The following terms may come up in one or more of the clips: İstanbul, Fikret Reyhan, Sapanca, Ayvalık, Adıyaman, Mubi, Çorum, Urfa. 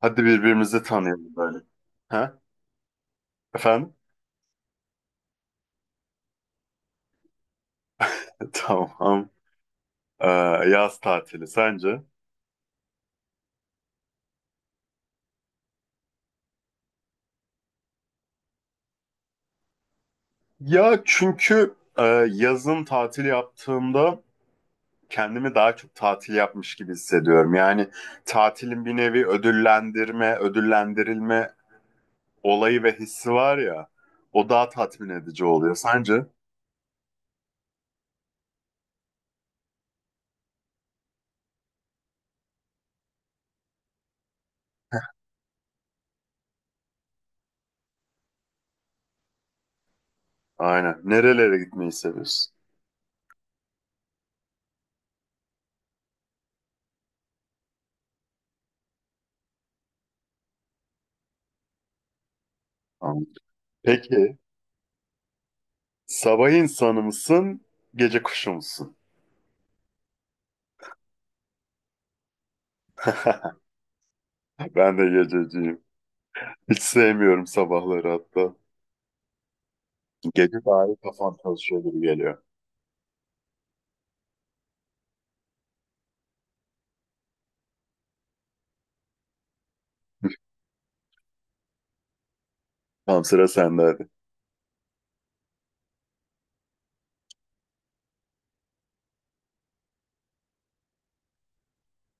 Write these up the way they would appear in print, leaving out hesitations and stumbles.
Hadi birbirimizi tanıyalım böyle. Ha? Efendim? Tamam. Ee, Yaz tatili sence? Ya çünkü yazın tatil yaptığımda kendimi daha çok tatil yapmış gibi hissediyorum. Yani tatilin bir nevi ödüllendirme, ödüllendirilme olayı ve hissi var ya. O daha tatmin edici oluyor sence? Aynen. Nerelere gitmeyi seviyorsun? Tamam. Peki sabah insanı mısın, gece kuşu musun? Ben de gececiyim. Hiç sevmiyorum sabahları hatta. Gece dahi kafam çalışıyor gibi geliyor. Tamam, sıra sende hadi.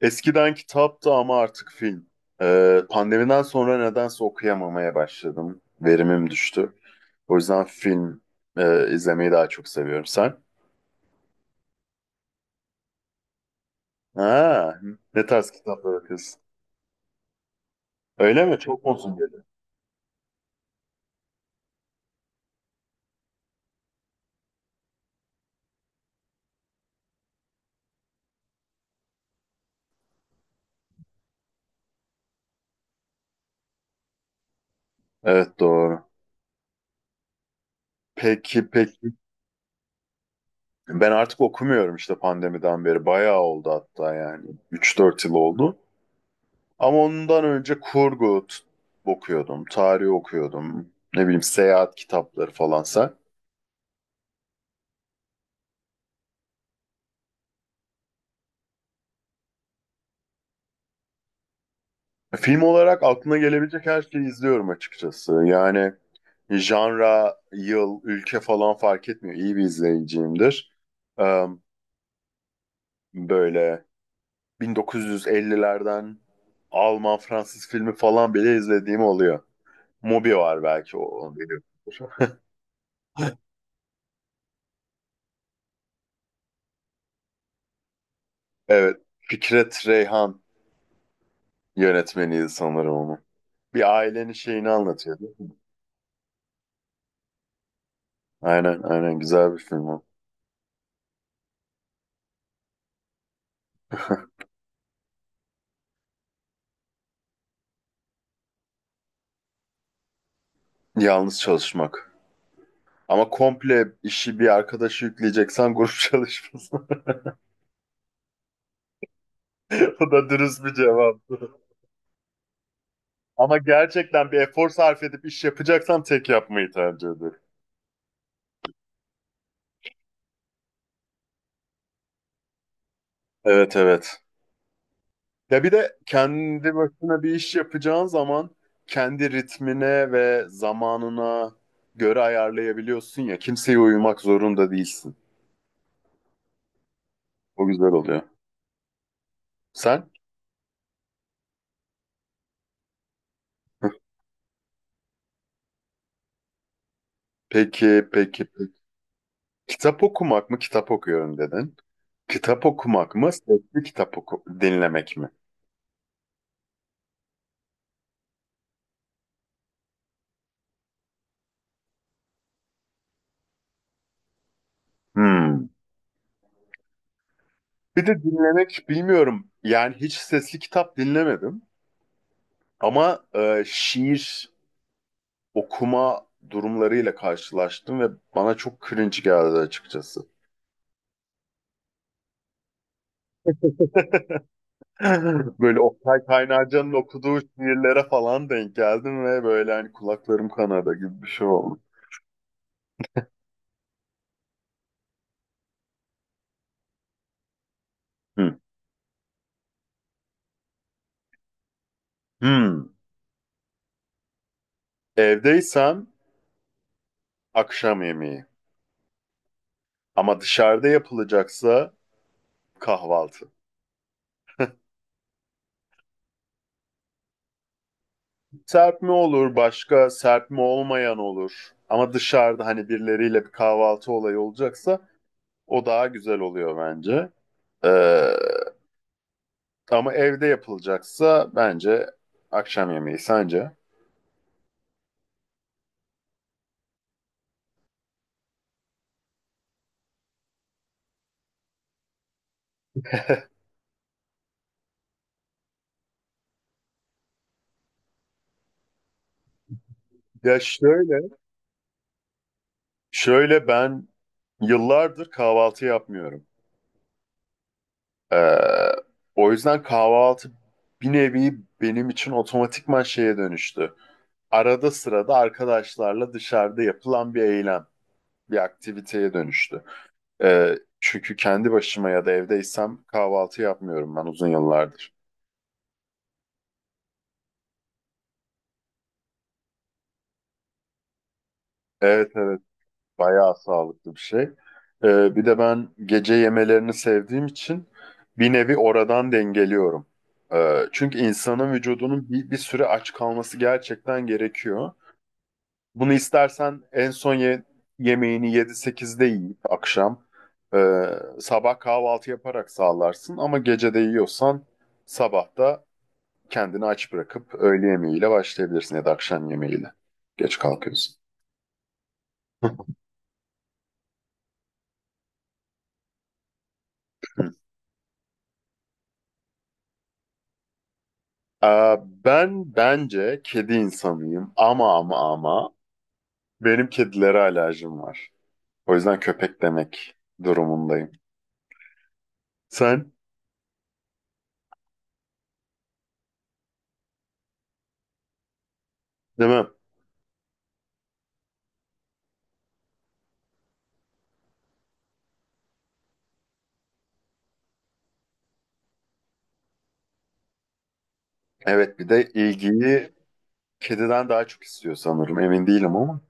Eskiden kitaptı ama artık film. Pandemiden sonra nedense okuyamamaya başladım. Verimim düştü. O yüzden film izlemeyi daha çok seviyorum. Sen? Ha, ne tarz kitaplar okuyorsun? Öyle mi? Çok mu uzun geliyor? Evet, doğru. Peki, peki. Ben artık okumuyorum işte pandemiden beri. Bayağı oldu hatta, yani. 3 4 yıl oldu. Ama ondan önce okuyordum, tarih okuyordum. Ne bileyim, seyahat kitapları falansa. Film olarak aklına gelebilecek her şeyi izliyorum açıkçası. Yani janra, yıl, ülke falan fark etmiyor. İyi bir izleyiciyimdir. Ee, Böyle 1950'lerden Alman, Fransız filmi falan bile izlediğim oluyor. Mubi var belki, o. Onu biliyorsunuz. Evet, Fikret Reyhan yönetmeniydi sanırım onu. Bir ailenin şeyini anlatıyor, değil mi? Aynen aynen, güzel bir film o. Yalnız çalışmak. Ama komple işi bir arkadaşı yükleyeceksen, grup çalışması. O da dürüst bir cevap. Ama gerçekten bir efor sarf edip iş yapacaksam tek yapmayı tercih ederim. Evet, evet. Ya bir de kendi başına bir iş yapacağın zaman kendi ritmine ve zamanına göre ayarlayabiliyorsun ya. Kimseye uyumak zorunda değilsin. O güzel oluyor. Sen? Peki, peki, peki. Kitap okumak mı, kitap okuyorum dedin. Kitap okumak mı, sesli kitap oku dinlemek mi? Hmm. Bir de dinlemek bilmiyorum. Yani hiç sesli kitap dinlemedim. Ama şiir okuma durumlarıyla karşılaştım ve bana çok cringe geldi açıkçası. Böyle Oktay Kaynarca'nın okuduğu şiirlere falan denk geldim ve böyle hani kulaklarım kanadı gibi bir şey oldu. Hmm. Hmm. Evdeysem akşam yemeği. Ama dışarıda yapılacaksa kahvaltı. Serpme olur, başka serpme olmayan olur. Ama dışarıda hani birileriyle bir kahvaltı olayı olacaksa o daha güzel oluyor bence. Ee, Ama evde yapılacaksa bence akşam yemeği, sence? Ya şöyle, şöyle ben yıllardır kahvaltı yapmıyorum. Ee, O yüzden kahvaltı bir nevi benim için otomatikman şeye dönüştü. Arada sırada arkadaşlarla dışarıda yapılan bir eylem, bir aktiviteye dönüştü. Ee, Çünkü kendi başıma ya da evdeysem kahvaltı yapmıyorum ben uzun yıllardır. Evet, evet, bayağı sağlıklı bir şey. Bir de ben gece yemelerini sevdiğim için bir nevi oradan dengeliyorum. Çünkü insanın vücudunun bir süre aç kalması gerçekten gerekiyor. Bunu istersen en son yemeğini 7-8'de yiyip akşam e, sabah kahvaltı yaparak sağlarsın ama gece de yiyorsan sabah da kendini aç bırakıp öğle yemeğiyle başlayabilirsin ya da akşam yemeğiyle. Geç kalkıyorsun. Ben bence kedi insanıyım ama benim kedilere alerjim var. O yüzden köpek demek durumundayım. Sen? Değil mi? Evet, bir de ilgiyi kediden daha çok istiyor sanırım. Emin değilim ama.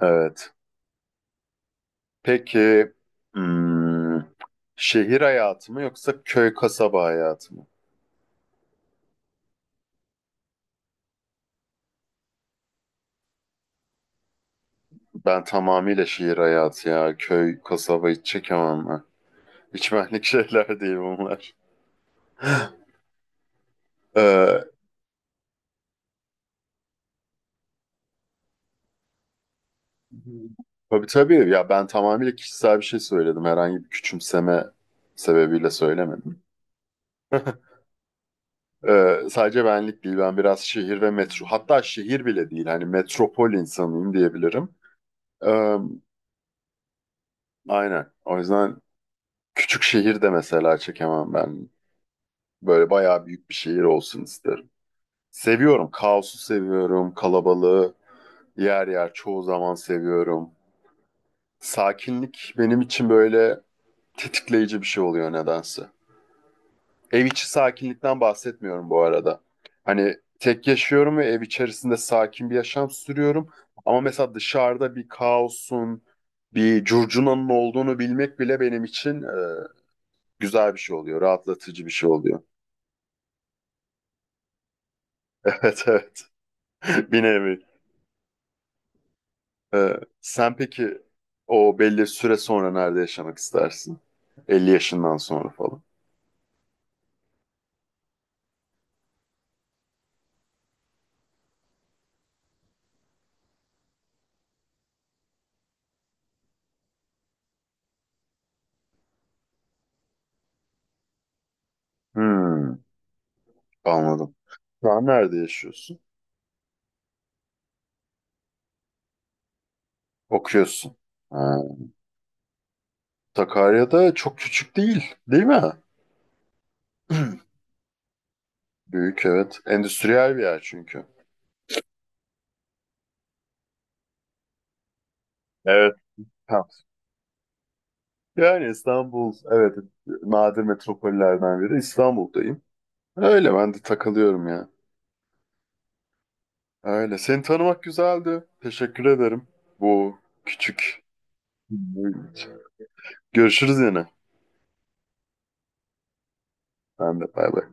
Evet. Peki, hmm, şehir hayatı mı yoksa köy kasaba hayatı mı? Ben tamamıyla şehir hayatı ya. Köy kasaba hiç çekemem ben. Hiç benlik şeyler değil bunlar. Ee, tabii tabii ya, ben tamamıyla kişisel bir şey söyledim. Herhangi bir küçümseme sebebiyle söylemedim. Sadece benlik değil. Ben biraz şehir ve metro. Hatta şehir bile değil. Hani metropol insanıyım diyebilirim. Ee, Aynen. O yüzden küçük şehir de mesela çekemem ben. Böyle bayağı büyük bir şehir olsun isterim. Seviyorum. Kaosu seviyorum. Kalabalığı yer yer çoğu zaman seviyorum. Sakinlik benim için böyle tetikleyici bir şey oluyor nedense. Ev içi sakinlikten bahsetmiyorum bu arada. Hani tek yaşıyorum ve ev içerisinde sakin bir yaşam sürüyorum. Ama mesela dışarıda bir kaosun, bir curcunanın olduğunu bilmek bile benim için güzel bir şey oluyor, rahatlatıcı bir şey oluyor. Evet, evet. Bir nevi. Ee, Sen peki o belli süre sonra nerede yaşamak istersin? 50 yaşından sonra falan. Hmm, anladım. Şu an nerede yaşıyorsun? Okuyorsun. Ha. Sakarya'da çok küçük değil, değil mi? Büyük, evet. Endüstriyel bir yer çünkü. Evet. Ha. Yani İstanbul, evet, nadir metropollerden biri. İstanbul'dayım. Öyle ben de takılıyorum ya. Öyle. Seni tanımak güzeldi. Teşekkür ederim. Bu küçük. Görüşürüz yine. Ben de, bay bay.